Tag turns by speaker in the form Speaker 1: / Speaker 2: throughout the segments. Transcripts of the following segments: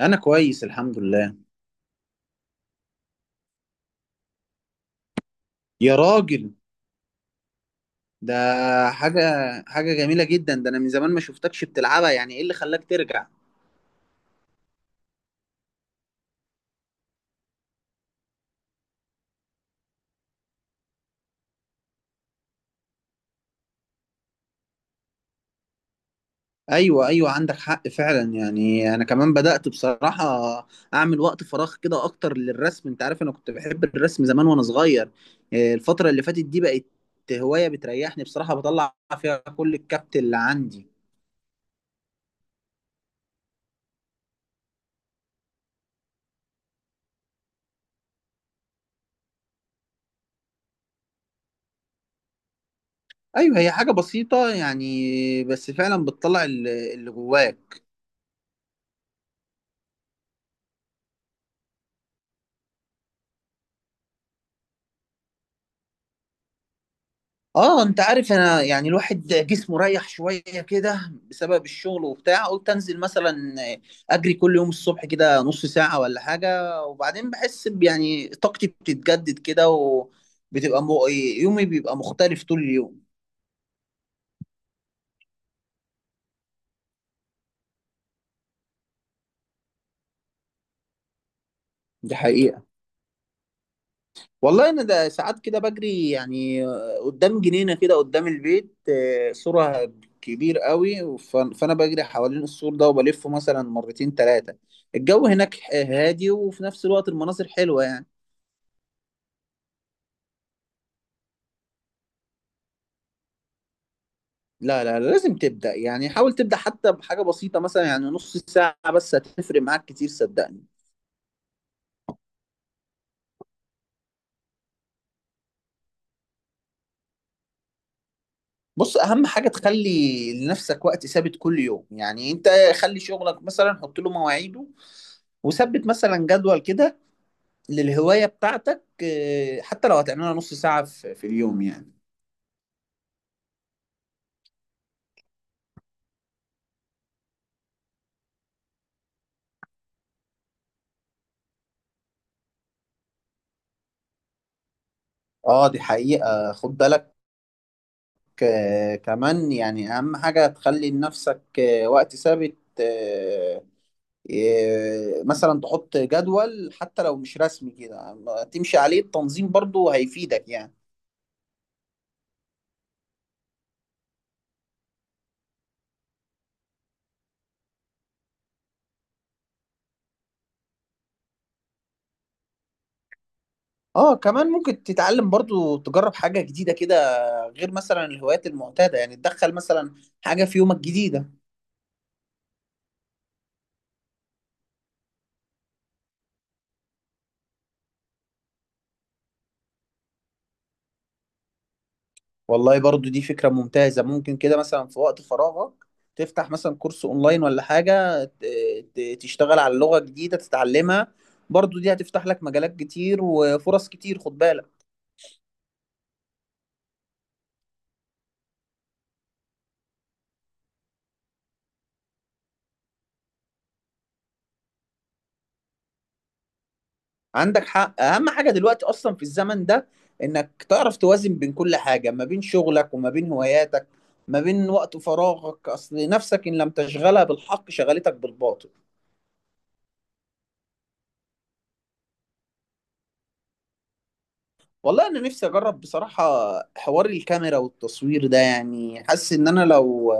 Speaker 1: انا كويس الحمد لله. يا راجل، ده حاجه حاجه جميله جدا. ده انا من زمان ما شفتكش بتلعبها، يعني ايه اللي خلاك ترجع؟ ايوه، عندك حق فعلا. يعني انا كمان بدات بصراحه اعمل وقت فراغ كده اكتر للرسم. انت عارف انا كنت بحب الرسم زمان وانا صغير. الفتره اللي فاتت دي بقت هوايه بتريحني بصراحه، بطلع فيها كل الكبت اللي عندي. ايوه، هي حاجه بسيطه يعني، بس فعلا بتطلع اللي جواك. اه، انت عارف انا يعني الواحد جسمه رايح شويه كده بسبب الشغل وبتاع. قلت انزل مثلا اجري كل يوم الصبح كده نص ساعه ولا حاجه، وبعدين بحس يعني طاقتي بتتجدد كده وبتبقى يومي بيبقى مختلف طول اليوم. دي حقيقه. والله انا ده ساعات كده بجري يعني، قدام جنينه كده قدام البيت. سورها كبير قوي، فانا بجري حوالين السور ده وبلفه مثلا مرتين ثلاثه. الجو هناك هادي، وفي نفس الوقت المناظر حلوه يعني. لا لا لا، لازم تبدا. يعني حاول تبدا حتى بحاجه بسيطه، مثلا يعني نص ساعه بس، هتفرق معاك كتير صدقني. بص، اهم حاجه تخلي لنفسك وقت ثابت كل يوم. يعني انت خلي شغلك مثلا، حط له مواعيده وثبت مثلا جدول كده للهواية بتاعتك. حتى لو هتعملها نص ساعة في اليوم يعني. اه دي حقيقة، خد بالك. كمان يعني أهم حاجة تخلي لنفسك وقت ثابت. مثلا تحط جدول حتى لو مش رسمي كده تمشي عليه، التنظيم برضو هيفيدك يعني. اه كمان ممكن تتعلم برضو، تجرب حاجة جديدة كده غير مثلا الهوايات المعتادة. يعني تدخل مثلا حاجة في يومك جديدة. والله برضو دي فكرة ممتازة. ممكن كده مثلا في وقت فراغك تفتح مثلا كورس اونلاين ولا حاجة، تشتغل على لغة جديدة تتعلمها. برضو دي هتفتح لك مجالات كتير وفرص كتير، خد بالك. عندك حق، اهم حاجة دلوقتي اصلا في الزمن ده انك تعرف توازن بين كل حاجة، ما بين شغلك وما بين هواياتك ما بين وقت فراغك. اصل نفسك ان لم تشغلها بالحق شغلتك بالباطل. والله انا نفسي اجرب بصراحه حوار الكاميرا والتصوير ده. يعني حاسس ان انا لو،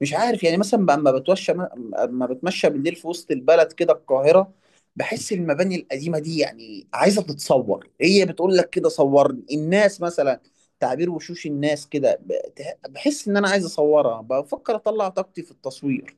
Speaker 1: مش عارف يعني مثلا، بقى اما بتوشى اما بتمشى بالليل في وسط البلد كده، القاهره، بحس المباني القديمه دي يعني عايزه تتصور، هي بتقول لك كده صورني. الناس مثلا تعبير وشوش الناس كده، بحس ان انا عايز اصورها، بفكر اطلع طاقتي في التصوير.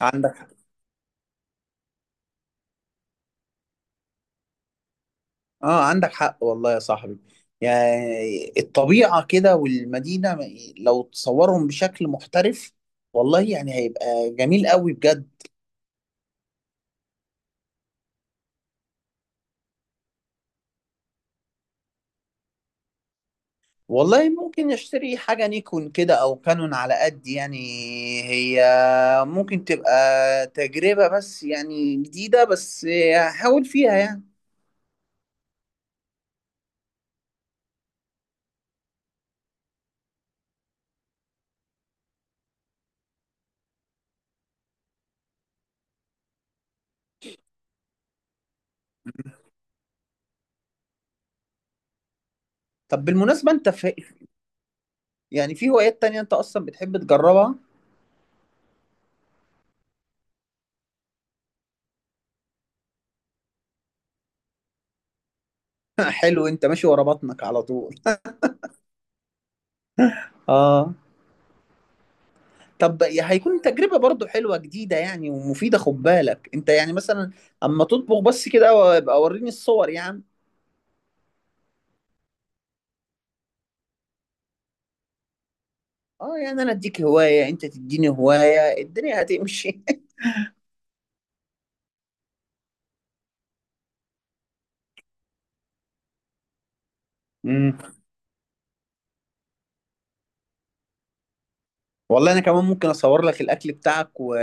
Speaker 1: عندك، اه عندك حق والله يا صاحبي. يعني الطبيعة كده والمدينة لو تصورهم بشكل محترف، والله يعني هيبقى جميل قوي بجد. والله ممكن اشتري حاجة نيكون كده او كانون على قد يعني. هي ممكن تبقى تجربة بس يعني جديدة، بس هحاول فيها يعني. طب بالمناسبة انت في، يعني في هوايات تانية انت اصلا بتحب تجربها؟ حلو، انت ماشي ورا بطنك على طول. اه. طب هيكون تجربة برضو حلوة جديدة يعني ومفيدة، خد بالك. انت يعني مثلا اما تطبخ بس كده، وابقى وريني الصور يا عم. اه يعني انا اديك هواية انت تديني هواية، الدنيا هتمشي. امم. والله انا كمان ممكن اصور لك الاكل بتاعك و...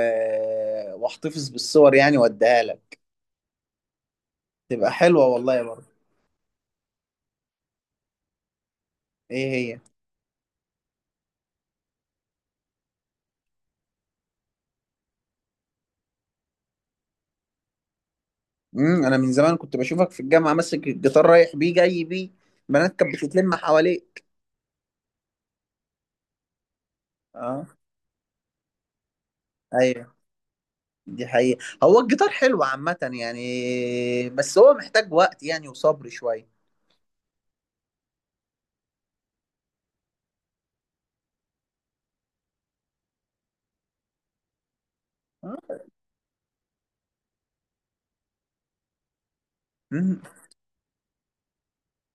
Speaker 1: واحتفظ بالصور يعني واديها لك. تبقى حلوة والله برضو. ايه هي؟ امم، انا من زمان كنت بشوفك في الجامعة ماسك الجيتار، رايح بيه جاي بيه، بنات كانت بتتلم حواليك. اه، ايوه. دي حقيقة، هو الجيتار حلو عامة يعني، بس هو محتاج وقت يعني وصبر شوية. آه. مم.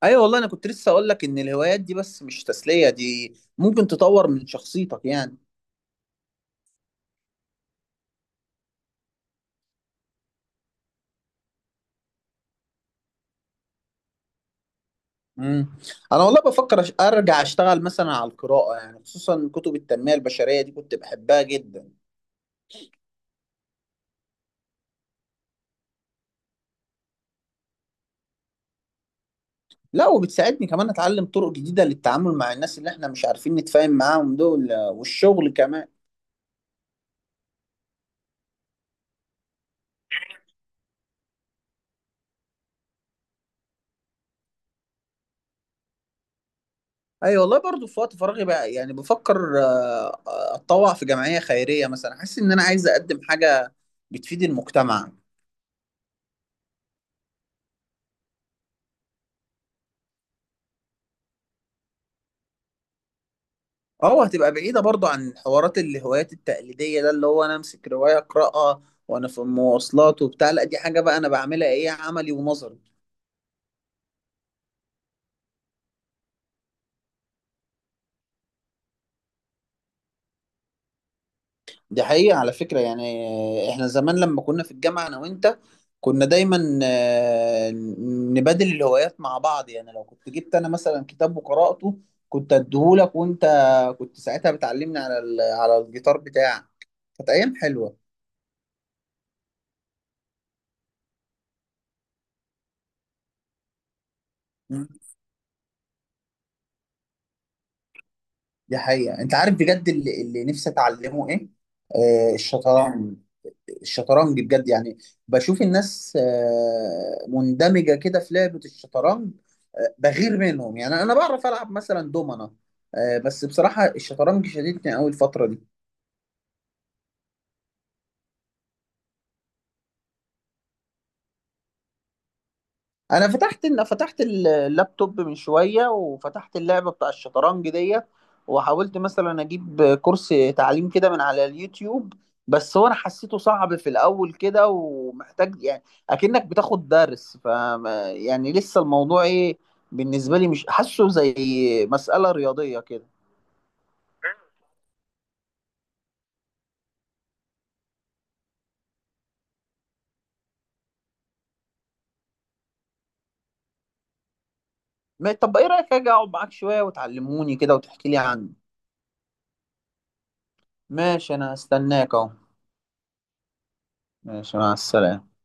Speaker 1: ايوه والله، انا كنت لسه اقول لك ان الهوايات دي بس مش تسلية، دي ممكن تطور من شخصيتك يعني. مم. انا والله بفكر ارجع اشتغل مثلا على القراءة، يعني خصوصا كتب التنمية البشرية دي كنت بحبها جدا. لا، وبتساعدني كمان اتعلم طرق جديدة للتعامل مع الناس اللي احنا مش عارفين نتفاهم معاهم دول، والشغل كمان. اي والله، برضو في وقت فراغي بقى يعني بفكر اتطوع في جمعية خيرية مثلا. حاسس ان انا عايز اقدم حاجة بتفيد المجتمع. اه، هتبقى بعيدة برضو عن حوارات الهوايات التقليدية ده، اللي هو انا امسك رواية اقراها وانا في المواصلات وبتاع. لا دي حاجة بقى انا بعملها، ايه؟ عملي ونظري. دي حقيقة. على فكرة يعني، احنا زمان لما كنا في الجامعة انا وانت كنا دايما نبادل الهوايات مع بعض. يعني لو كنت جبت انا مثلا كتاب وقرأته كنت اديهولك، وانت كنت ساعتها بتعلمني على على الجيتار بتاعك. كانت ايام حلوة. مم. دي حقيقة. انت عارف بجد اللي نفسي اتعلمه ايه؟ آه، الشطرنج. الشطرنج بجد يعني. بشوف الناس مندمجة كده في لعبة الشطرنج، بغير منهم. يعني أنا بعرف ألعب مثلا دومنة، بس بصراحة الشطرنج شديدني أوي الفترة دي. انا فتحت اللابتوب من شويه وفتحت اللعبه بتاع الشطرنج ديت، وحاولت مثلا اجيب كورس تعليم كده من على اليوتيوب، بس هو انا حسيته صعب في الاول كده، ومحتاج يعني اكنك بتاخد درس. ف يعني لسه الموضوع ايه بالنسبه لي، مش حاسه زي مساله رياضيه كده. طب ايه رايك اجي اقعد معاك شويه وتعلموني كده وتحكي لي عنه؟ ماشي، انا هستناك اهو. ماشي مع السلامه.